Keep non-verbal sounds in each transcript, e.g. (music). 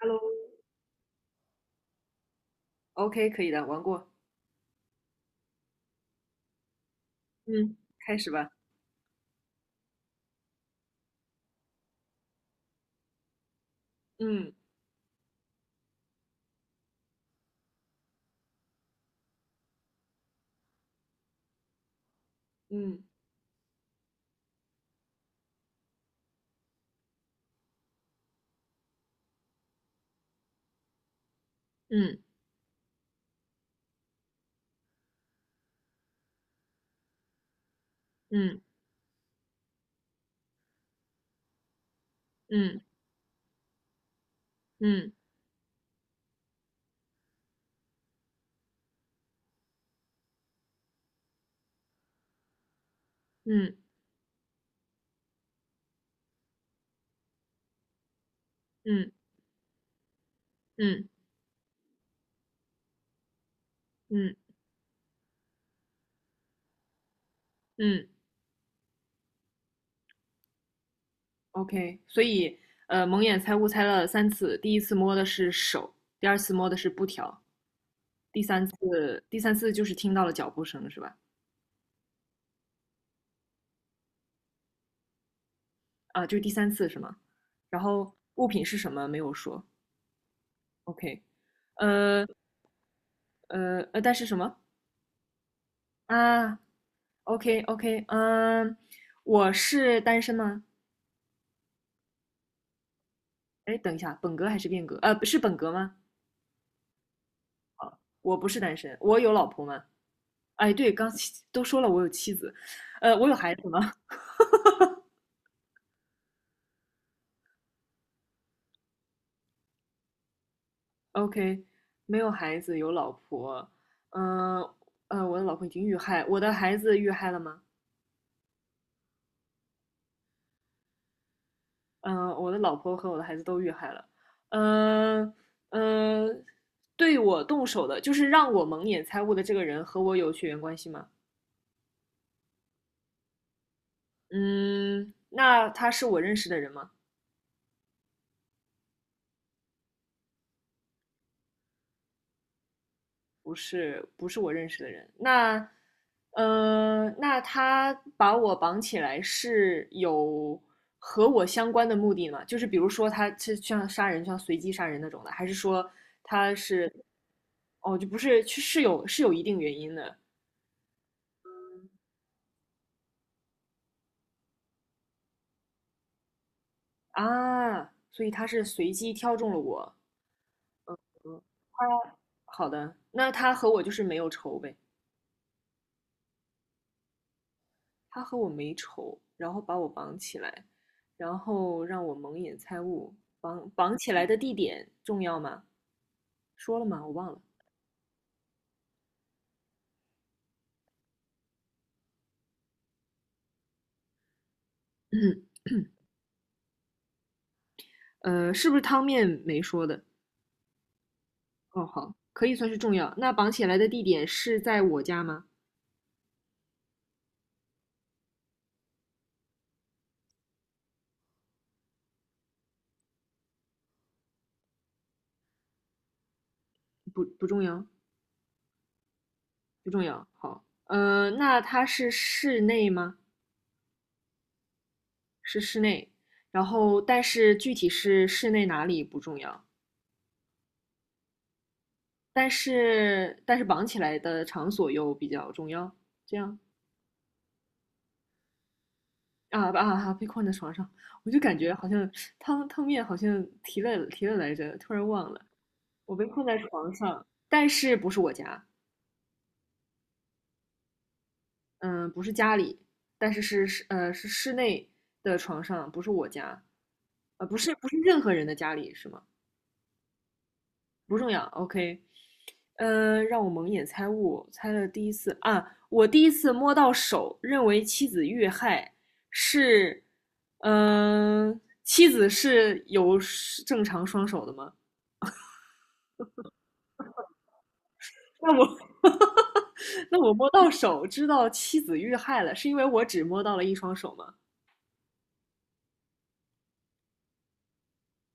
Hello,OK,可以的，玩过，嗯开始吧。嗯嗯嗯嗯嗯嗯嗯嗯嗯嗯嗯 OK,所以蒙眼猜物猜了三次，第一次摸的是手，第二次摸的是布条，第三次就是听到了脚步声是吧？啊，就是第三次是吗？然后物品是什么没有说。OK,呃但是什么啊？OK OK,嗯，我是单身吗？哎，等一下，本格还是变革？不是本格吗？我不是单身，我有老婆吗？哎，对，刚都说了我有妻子，我有孩子吗？OK,没有孩子，有老婆。嗯呃我的老婆已经遇害，我的孩子遇害了吗？嗯、我的老婆和我的孩子都遇害了。嗯、嗯、呃对我动手的，就是让我蒙眼猜物的这个人和我有血缘关系吗？嗯，那他是我认识的人吗？不是，不是我认识的人。那，那他把我绑起来是有和我相关的目的吗？就是比如说他是像杀人，像随机杀人那种的，还是说他是，哦，就不是，是有一定原因的啊，所以他是随机挑中了我。啊，好的，那他和我就是没有仇呗。他和我没仇，然后把我绑起来，然后让我蒙眼猜物。绑起来的地点重要吗？说了吗？我忘了。嗯，是不是汤面没说的？哦，好，可以算是重要。那绑起来的地点是在我家吗？不，不重要，不重要。好，那它是室内吗？是室内。然后，但是具体是室内哪里不重要，但是绑起来的场所又比较重要。这样啊啊啊！被困在床上，我就感觉好像汤面好像提了来着，突然忘了。我被困在床上，但是不是我家，嗯，不是家里，但是是室内的床上，不是我家，不是任何人的家里是吗？不重要，OK。让我蒙眼猜物，猜了第一次啊，我第一次摸到手，认为妻子遇害，是，妻子是有正常双手的吗？那我 (laughs) 那我摸到手，知道妻子遇害了，是因为我只摸到了一双手吗？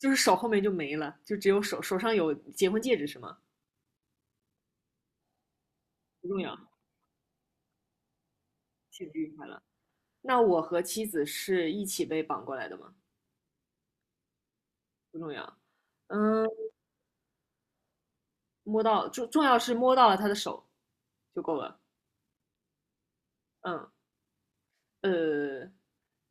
就是手后面就没了，就只有手，手上有结婚戒指是吗？不重要，妻子遇害了。那我和妻子是一起被绑过来的吗？不重要。嗯、摸到重要是摸到了他的手就够了。嗯，呃，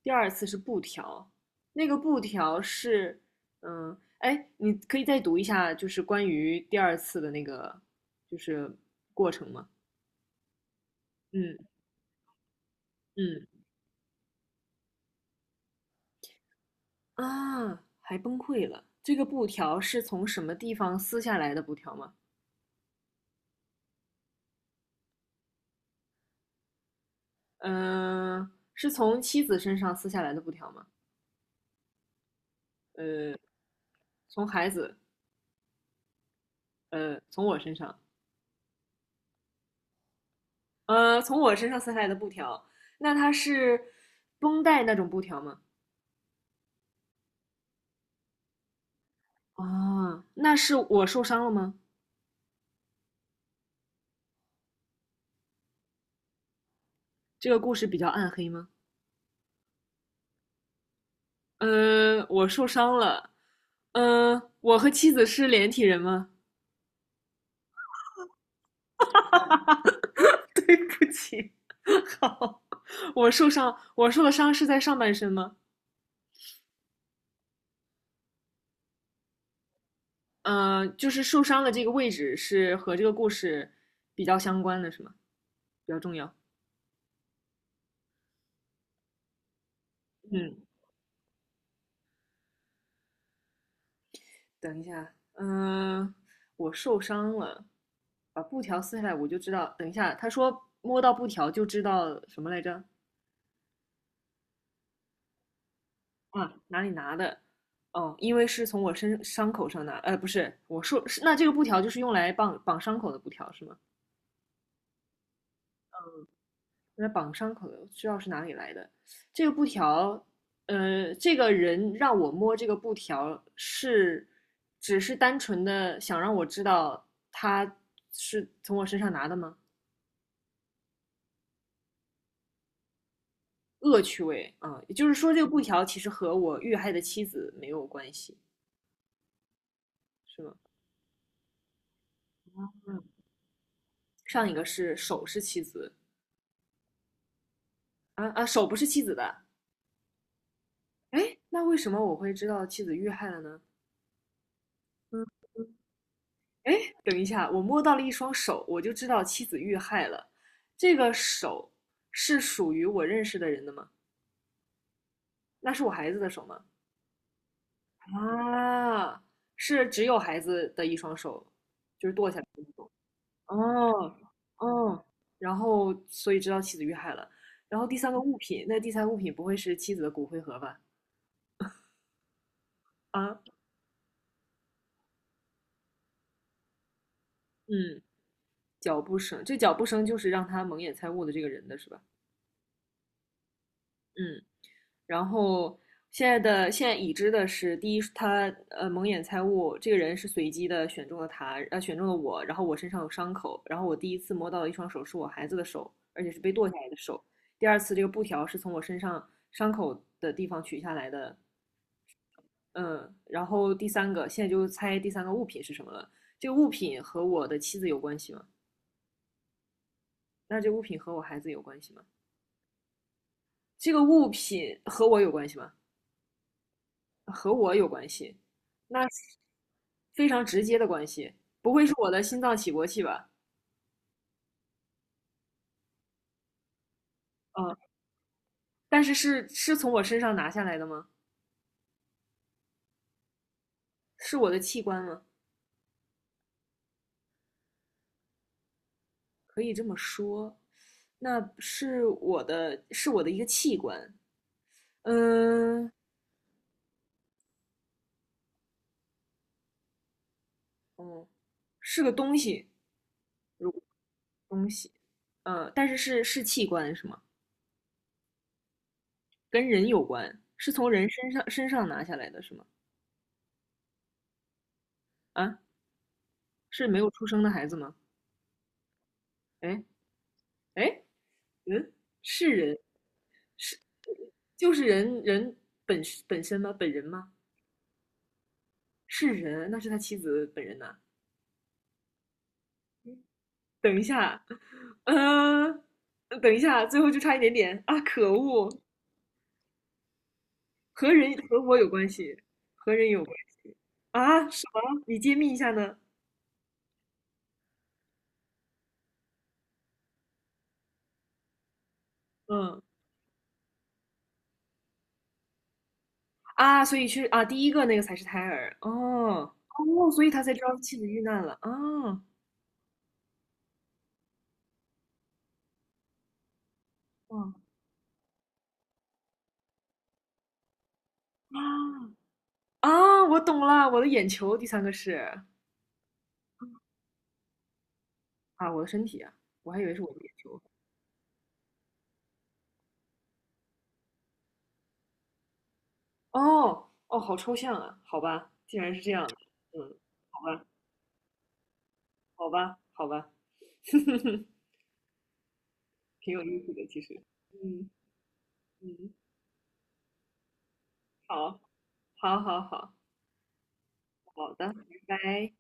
第二次是布条，那个布条是，嗯，哎，你可以再读一下，就是关于第二次的那个就是过程吗？嗯。嗯。啊，还崩溃了。这个布条是从什么地方撕下来的布条吗？嗯、是从妻子身上撕下来的布条吗？呃，从孩子，从我身上。从我身上撕下来的布条，那它是绷带那种布条吗？啊，那是我受伤了吗？这个故事比较暗黑吗？我受伤了。我和妻子是连体人吗？(laughs) 对不起，好，我受伤，我受的伤是在上半身吗？就是受伤的这个位置是和这个故事比较相关的，是吗？比较重要。嗯，等一下，嗯、呃我受伤了，把布条撕下来我就知道。等一下，他说摸到布条就知道什么来着？啊，哪里拿的？哦，因为是从我身伤口上拿，呃，不是，我说是那这个布条就是用来绑伤口的布条是吗？用来绑伤口的，知道是哪里来的。这个布条，这个人让我摸这个布条是，只是单纯的想让我知道他是从我身上拿的吗？恶趣味啊，也就是说，这个布条其实和我遇害的妻子没有关系，是吗？上一个是手是妻子啊啊，手不是妻子的，哎，那为什么我会知道妻子遇害了呢？嗯，哎，等一下，我摸到了一双手，我就知道妻子遇害了。这个手是属于我认识的人的吗？那是我孩子的手吗？啊，是只有孩子的一双手，就是剁下来的那种。哦，哦，然后所以知道妻子遇害了。然后第三个物品，那第三个物品不会是妻子的骨灰盒吧？啊，嗯，脚步声，这脚步声就是让他蒙眼猜物的这个人的是吧？嗯，然后现在已知的是，第一，他蒙眼猜物这个人是随机的选中了他，选中了我，然后我身上有伤口，然后我第一次摸到的一双手是我孩子的手，而且是被剁下来的手。第二次这个布条是从我身上伤口的地方取下来的，嗯，然后第三个，现在就猜第三个物品是什么了。这个物品和我的妻子有关系吗？那这个物品和我孩子有关系吗？这个物品和我有关系吗？和我有关系，那是非常直接的关系，不会是我的心脏起搏器吧？嗯，但是是从我身上拿下来的吗？是我的器官吗？可以这么说，那是我的，是我的一个器官。嗯，嗯，是个东西。如东西，但是是器官是吗？跟人有关，是从人身上拿下来的是吗？啊，是没有出生的孩子吗？哎。哎，嗯，是人是就是人本本身吗？本人吗？是人，那是他妻子本人呐。等一下，呃，等一下，最后就差一点点啊！可恶，和人和我有关系，和人有关系啊？什么？你揭秘一下呢？嗯。啊，所以是啊，第一个那个才是胎儿哦哦，所以他才知道妻子遇难了啊啊啊啊！我懂了，我的眼球，第三个是啊，我的身体啊，我还以为是我的眼球哦哦，好抽象啊，好吧，竟然是这样的，嗯，好吧，好吧，好吧，(laughs) 挺有意思的，其实，嗯。嗯，好，好，好，好，好的，拜拜。